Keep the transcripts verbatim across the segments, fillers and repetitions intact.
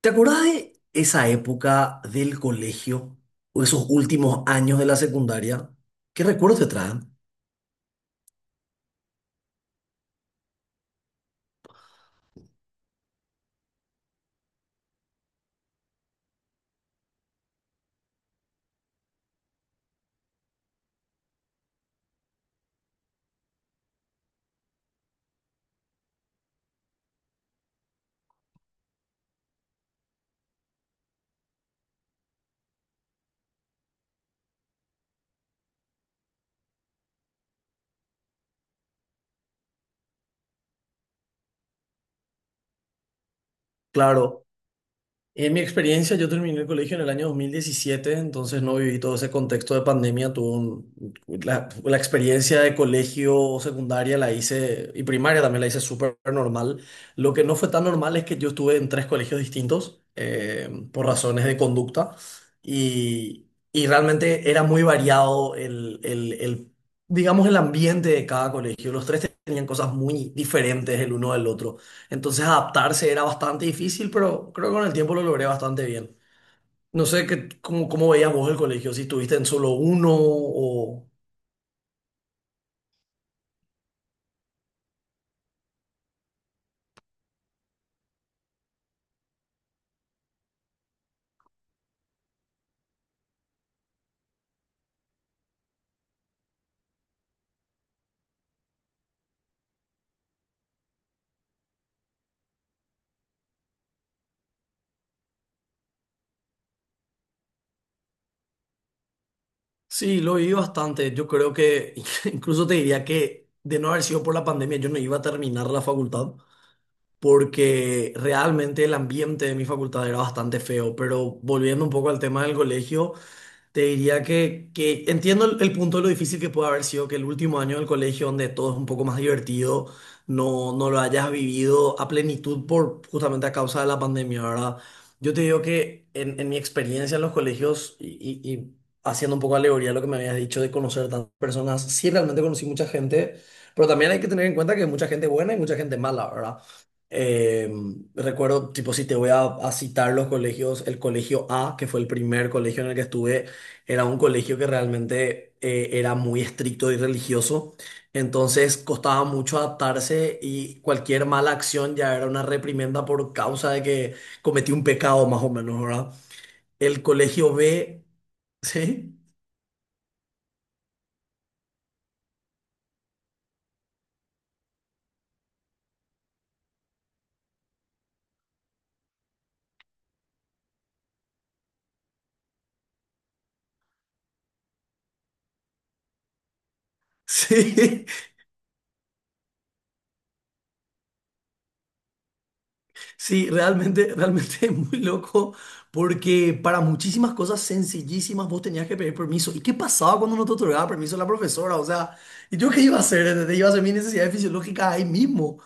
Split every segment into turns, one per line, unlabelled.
¿Te acordás de esa época del colegio o esos últimos años de la secundaria? ¿Qué recuerdos te traen? Claro. En mi experiencia, yo terminé el colegio en el año dos mil diecisiete, entonces no viví todo ese contexto de pandemia. Tuve un- la, la experiencia de colegio secundaria la hice, y primaria también la hice súper normal. Lo que no fue tan normal es que yo estuve en tres colegios distintos eh, por razones de conducta y, y realmente era muy variado el, el, el, digamos, el ambiente de cada colegio. Los tres tenían cosas muy diferentes el uno del otro. Entonces adaptarse era bastante difícil, pero creo que con el tiempo lo logré bastante bien. No sé qué, cómo, cómo veías vos el colegio, si estuviste en solo uno o... Sí, lo viví bastante. Yo creo que incluso te diría que de no haber sido por la pandemia, yo no iba a terminar la facultad, porque realmente el ambiente de mi facultad era bastante feo. Pero volviendo un poco al tema del colegio... Te diría que, que entiendo el, el punto de lo difícil que puede haber sido que el último año del colegio, donde todo es un poco más divertido, no, no lo hayas vivido a plenitud por justamente a causa de la pandemia, ¿verdad? Yo te digo que en, en mi experiencia en los colegios y, y- y haciendo un poco alegoría a lo que me habías dicho de conocer tantas personas, sí realmente conocí mucha gente, pero también hay que tener en cuenta que hay mucha gente buena y mucha gente mala, ¿verdad? Eh, recuerdo, tipo, si te voy a, a citar los colegios, el colegio A, que fue el primer colegio en el que estuve. Era un colegio que realmente eh, era muy estricto y religioso, entonces costaba mucho adaptarse y cualquier mala acción ya era una reprimenda por causa de que cometí un pecado más o menos, ¿verdad? El colegio B, sí, sí, sí, realmente, realmente es muy loco porque para muchísimas cosas sencillísimas vos tenías que pedir permiso. ¿Y qué pasaba cuando no te otorgaba permiso la profesora? O sea, ¿y yo qué iba a hacer? ¿Entendés? Iba a hacer mis necesidades fisiológicas ahí mismo.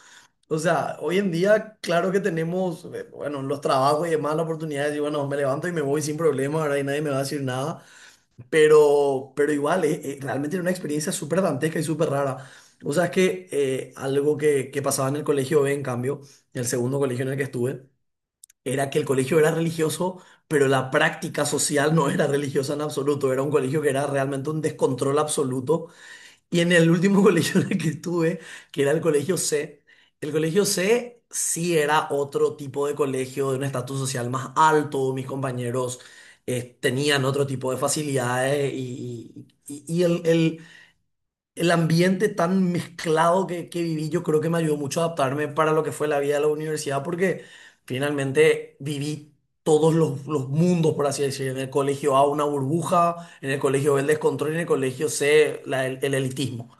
O sea, hoy en día, claro que tenemos, eh, bueno, los trabajos y demás, las oportunidades, y bueno, me levanto y me voy sin problema, ahora y nadie me va a decir nada, pero, pero igual, eh, eh, realmente era una experiencia súper dantesca y súper rara. O sea, es que eh, algo que, que pasaba en el colegio B, en cambio, en el segundo colegio en el que estuve, era que el colegio era religioso, pero la práctica social no era religiosa en absoluto, era un colegio que era realmente un descontrol absoluto y en el último colegio en el que estuve, que era el colegio C, el colegio C sí era otro tipo de colegio de un estatus social más alto, mis compañeros eh, tenían otro tipo de facilidades y, y- y el, el- el ambiente tan mezclado que, que viví yo creo que me ayudó mucho a adaptarme para lo que fue la vida de la universidad porque finalmente viví todos los, los mundos, por así decir, en el colegio A una burbuja, en el colegio B el descontrol y en el colegio C la- el el elitismo.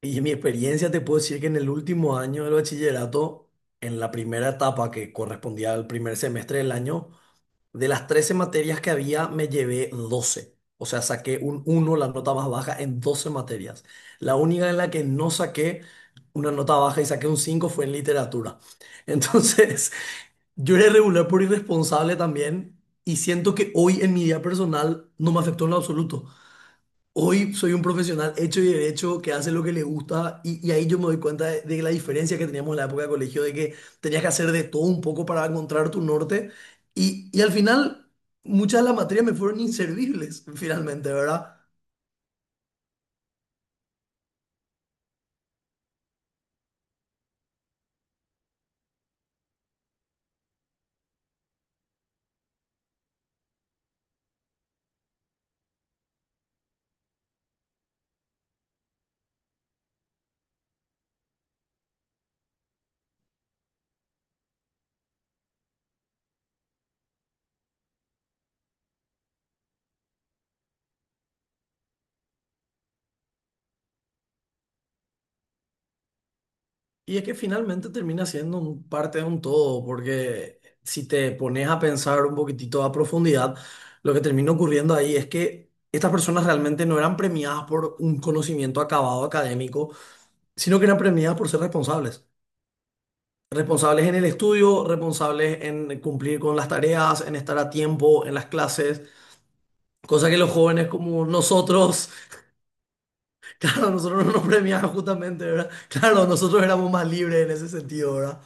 Y en mi experiencia te puedo decir que en el último año del bachillerato, en la primera etapa que correspondía al primer semestre del año, de las trece materias que había, me llevé doce. O sea, saqué un uno, la nota más baja, en doce materias. La única en la que no saqué una nota baja y saqué un cinco fue en literatura. Entonces, yo era irregular por irresponsable también y siento que hoy en mi vida personal no me afectó en lo absoluto. Hoy soy un profesional hecho y derecho que hace lo que le gusta y, y ahí yo me doy cuenta de, de la diferencia que teníamos en la época de colegio, de que tenías que hacer de todo un poco para encontrar tu norte y, y al final muchas de las materias me fueron inservibles finalmente, ¿verdad? Y es que finalmente termina siendo un parte de un todo, porque si te pones a pensar un poquitito a profundidad, lo que termina ocurriendo ahí es que estas personas realmente no eran premiadas por un conocimiento acabado académico, sino que eran premiadas por ser responsables. Responsables en el estudio, responsables en cumplir con las tareas, en estar a tiempo en las clases, cosa que los jóvenes como nosotros... Claro, nosotros no nos premiaban justamente, ¿verdad? Claro, nosotros éramos más libres en ese sentido, ¿verdad?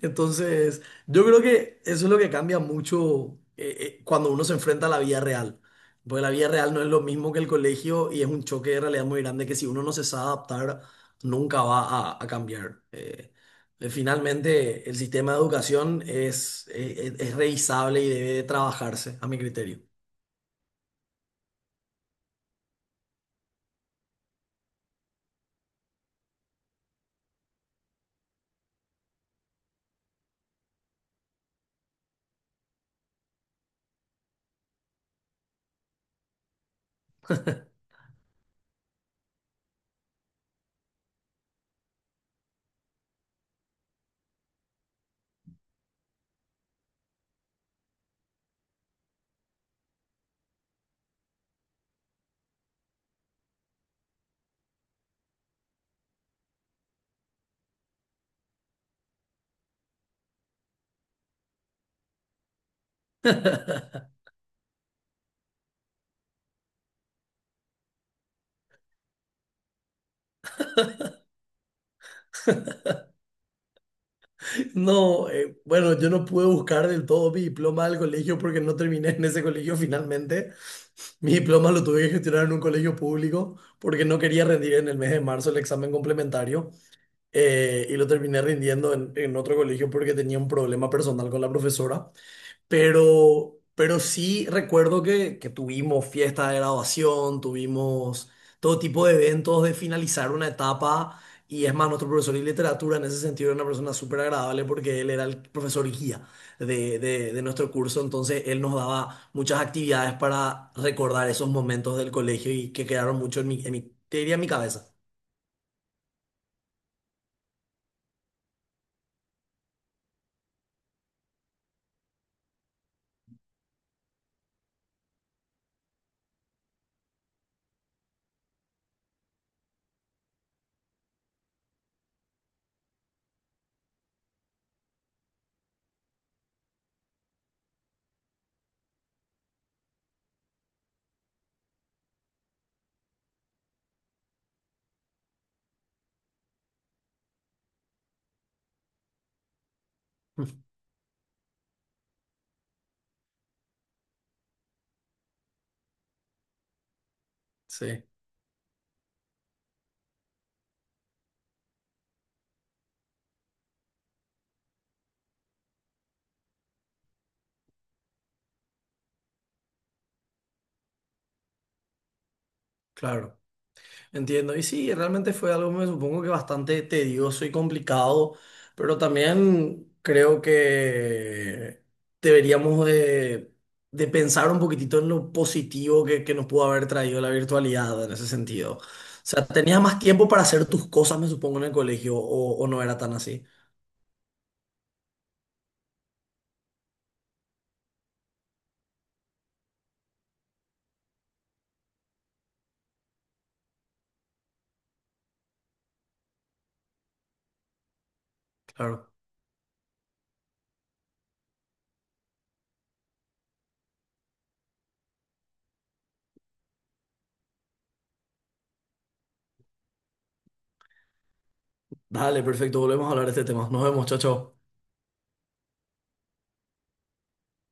Entonces, yo creo que eso es lo que cambia mucho eh, eh, cuando uno se enfrenta a la vida real. Porque la vida real no es lo mismo que el colegio y es un choque de realidad muy grande que si uno no se sabe adaptar, nunca va a, a cambiar. Eh, eh, finalmente, el sistema de educación es, eh, es es revisable y debe de trabajarse, a mi criterio. No, eh, bueno, yo no pude buscar del todo mi diploma del colegio porque no terminé en ese colegio finalmente. Mi diploma lo tuve que gestionar en un colegio público porque no quería rendir en el mes de marzo el examen complementario, eh, y lo terminé rindiendo en, en otro colegio porque tenía un problema personal con la profesora. Pero, pero sí recuerdo que, que tuvimos fiesta de graduación, tuvimos todo tipo de eventos de finalizar una etapa. Y es más, nuestro profesor de literatura en ese sentido era una persona súper agradable porque él era el profesor guía de, de, de nuestro curso. Entonces él nos daba muchas actividades para recordar esos momentos del colegio y que quedaron mucho en mi, en mi, te diría en mi cabeza. Sí, claro. Entiendo, y sí, realmente fue algo, me supongo que bastante tedioso y complicado, pero también creo que deberíamos de, de pensar un poquitito en lo positivo que, que nos pudo haber traído la virtualidad en ese sentido. O sea, tenías más tiempo para hacer tus cosas, me supongo, en el colegio, o, o no era tan así. Claro. Dale, perfecto, volvemos a hablar de este tema. Nos vemos, chao, chao.